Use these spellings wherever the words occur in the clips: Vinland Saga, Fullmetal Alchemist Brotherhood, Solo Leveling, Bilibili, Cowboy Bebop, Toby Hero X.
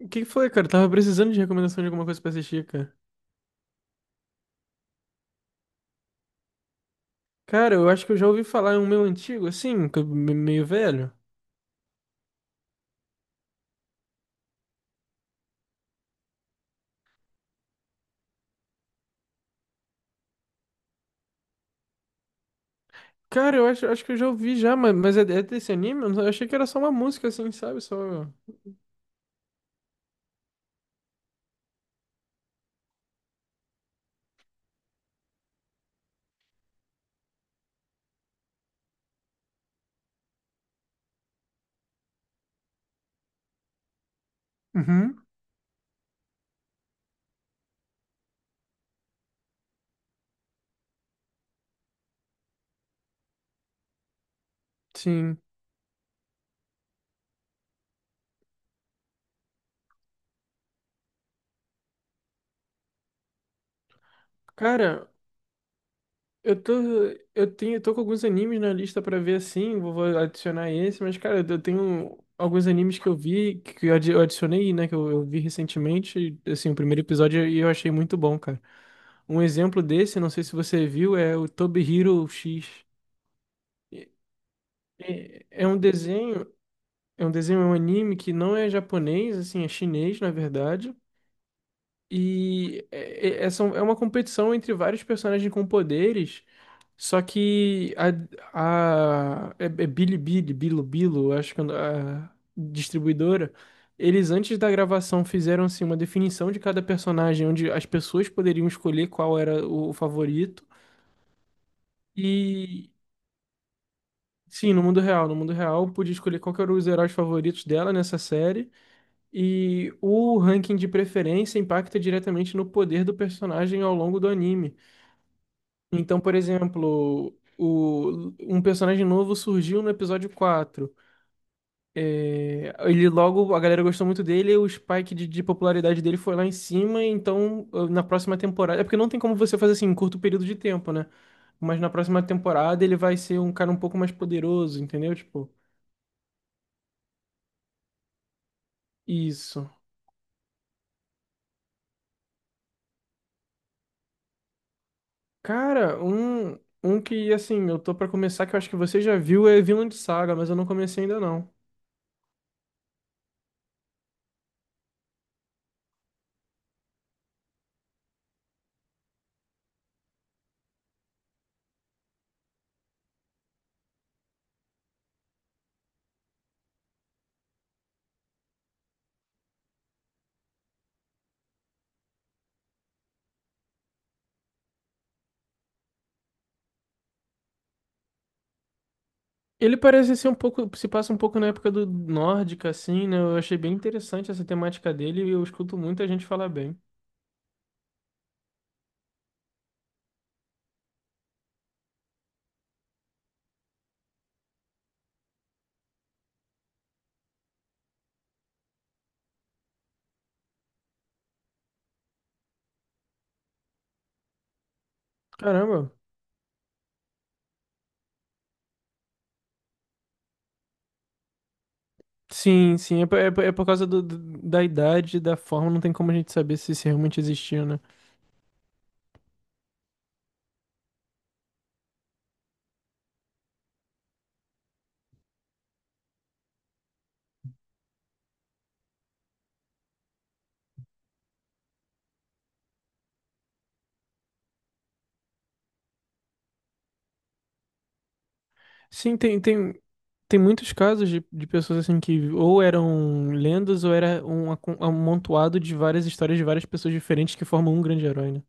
O que que foi, cara? Eu tava precisando de recomendação de alguma coisa pra assistir, cara. Cara, eu acho que eu já ouvi falar em um meu antigo, assim, que meio velho. Cara, eu acho que eu já ouvi já, mas é desse anime? Eu não- Eu achei que era só uma música, assim, sabe? Só. Uhum. Sim. Cara, eu tô. Eu tô com alguns animes na lista pra ver, assim. Vou adicionar esse, mas, cara, eu tenho alguns animes que eu vi, que eu adicionei, né? Que eu vi recentemente, assim, o primeiro episódio e eu achei muito bom, cara. Um exemplo desse, não sei se você viu, é o Toby Hero X. É É um desenho, é um desenho, é um anime que não é japonês, assim, é chinês, na verdade. E é uma competição entre vários personagens com poderes, só que a é, é Bilibili, Bilibilo, acho que é a distribuidora, eles antes da gravação fizeram assim uma definição de cada personagem, onde as pessoas poderiam escolher qual era o favorito. E Sim, no mundo real. No mundo real, eu pude escolher qual que eram os heróis favoritos dela nessa série. E o ranking de preferência impacta diretamente no poder do personagem ao longo do anime. Então, por exemplo, um personagem novo surgiu no episódio quatro. É, ele logo, a galera gostou muito dele, e o spike de popularidade dele foi lá em cima. Então, ah, na próxima temporada. É porque não tem como você fazer assim em curto período de tempo, né? Mas na próxima temporada ele vai ser um cara um pouco mais poderoso, entendeu? Tipo, isso. Cara, um que, assim, eu tô pra começar, que eu acho que você já viu, é Vinland Saga, mas eu não comecei ainda não. Ele parece ser um pouco, se passa um pouco na época do nórdica, assim, né? Eu achei bem interessante essa temática dele e eu escuto muita gente falar bem. Caramba. Sim, sim, é, por- é, por é por causa da idade, da forma, não tem como a gente saber se isso realmente existiu, né? Sim, tem, tem, tem muitos casos de pessoas assim que ou eram lendas ou era um amontoado de várias histórias de várias pessoas diferentes que formam um grande herói, né?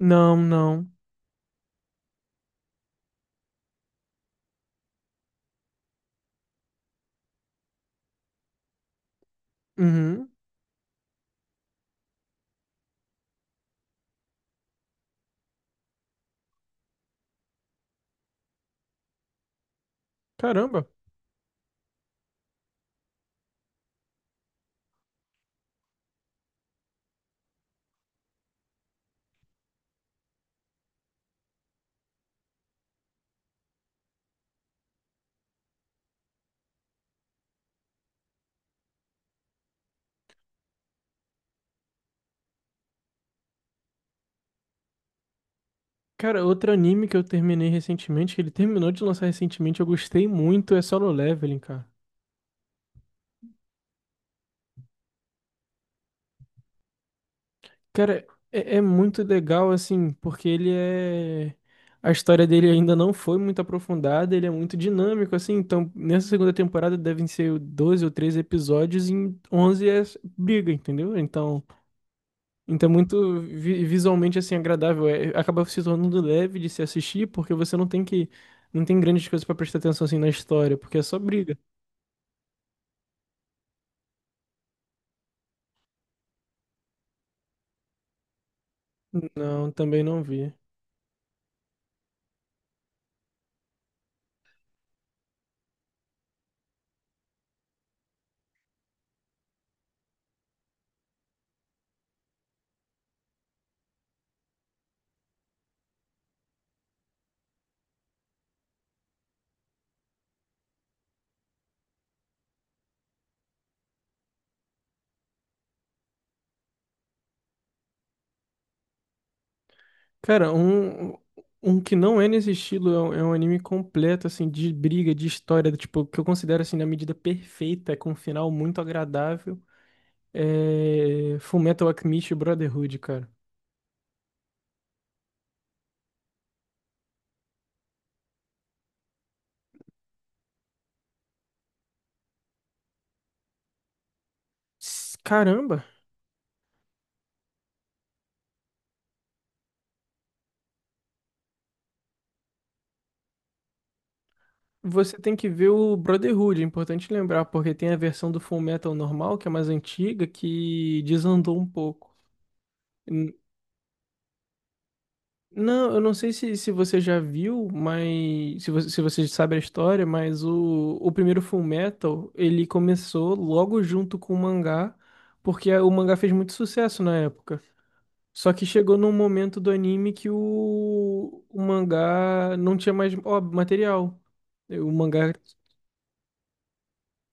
Não, não. Uhum. Caramba. Cara, outro anime que eu terminei recentemente, que ele terminou de lançar recentemente, eu gostei muito, é Solo Leveling, cara. Cara, é muito legal, assim, porque ele é. A história dele ainda não foi muito aprofundada, ele é muito dinâmico, assim. Então, nessa segunda temporada devem ser 12 ou 13 episódios, e em 11 é briga, entendeu? Então. Então, é muito visualmente assim agradável, é, acaba se tornando leve de se assistir, porque você não tem que não tem grandes coisas pra prestar atenção assim na história, porque é só briga. Não, também não vi. Cara, um que não é nesse estilo é um anime completo assim de briga, de história, tipo, que eu considero assim na medida perfeita, com um final muito agradável, é Fullmetal Alchemist Brotherhood, cara. Caramba. Você tem que ver o Brotherhood, é importante lembrar, porque tem a versão do Fullmetal normal, que é mais antiga, que desandou um pouco. N- Não, eu não sei se você já viu, mas se você sabe a história, mas o primeiro Fullmetal, ele começou logo junto com o mangá, porque o mangá fez muito sucesso na época. Só que chegou num momento do anime que o mangá não tinha mais ó, material. O mangá.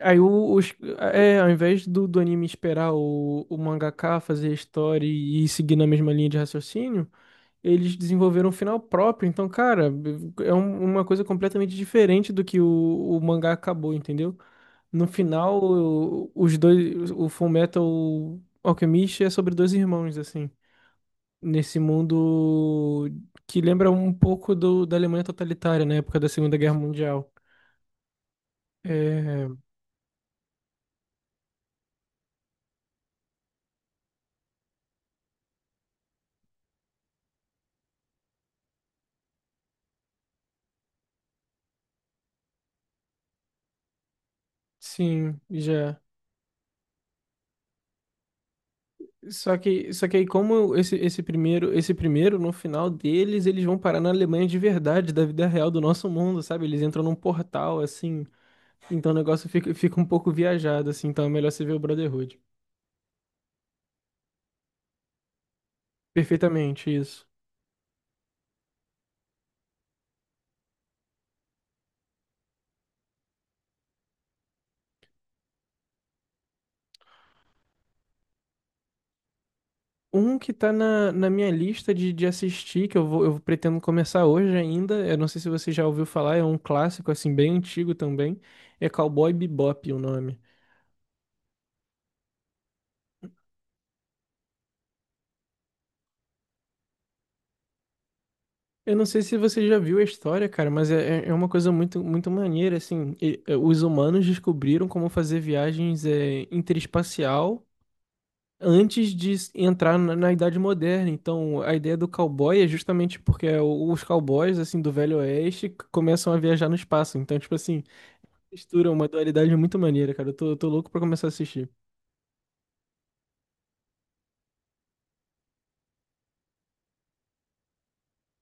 Aí o, os, é, Ao invés do anime esperar o mangaka fazer a história e ir seguir na mesma linha de raciocínio, eles desenvolveram um final próprio. Então, cara, é uma coisa completamente diferente do que o mangá acabou, entendeu? No final, os dois, o Fullmetal Alchemist é sobre dois irmãos, assim, nesse mundo que lembra um pouco da Alemanha totalitária, na época da Segunda Guerra Mundial. É, sim, já. Só que aí, como esse primeiro, esse primeiro, no final deles, eles vão parar na Alemanha de verdade, da vida real do nosso mundo, sabe? Eles entram num portal, assim. Então o negócio fica um pouco viajado, assim. Então é melhor você ver o Brotherhood. Perfeitamente, isso. Um que tá na minha lista de assistir, que eu vou, eu pretendo começar hoje ainda. Eu não sei se você já ouviu falar, é um clássico, assim, bem antigo também. É Cowboy Bebop o nome. Eu não sei se você já viu a história, cara, mas é, é uma coisa muito, muito maneira, assim. E, é, os humanos descobriram como fazer viagens é, interespacial antes entrar na Idade Moderna. Então, a ideia do cowboy é justamente porque é os cowboys, assim, do Velho Oeste começam a viajar no espaço. Então, tipo assim, mistura uma dualidade muito maneira, cara. Eu tô louco pra começar a assistir.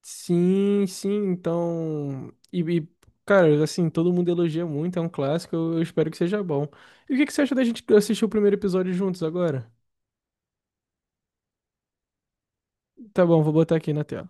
Sim, sim, então. Cara, assim, todo mundo elogia muito, é um clássico, eu espero que seja bom. E o que que você acha da gente assistir o primeiro episódio juntos agora? Tá bom, vou botar aqui na tela.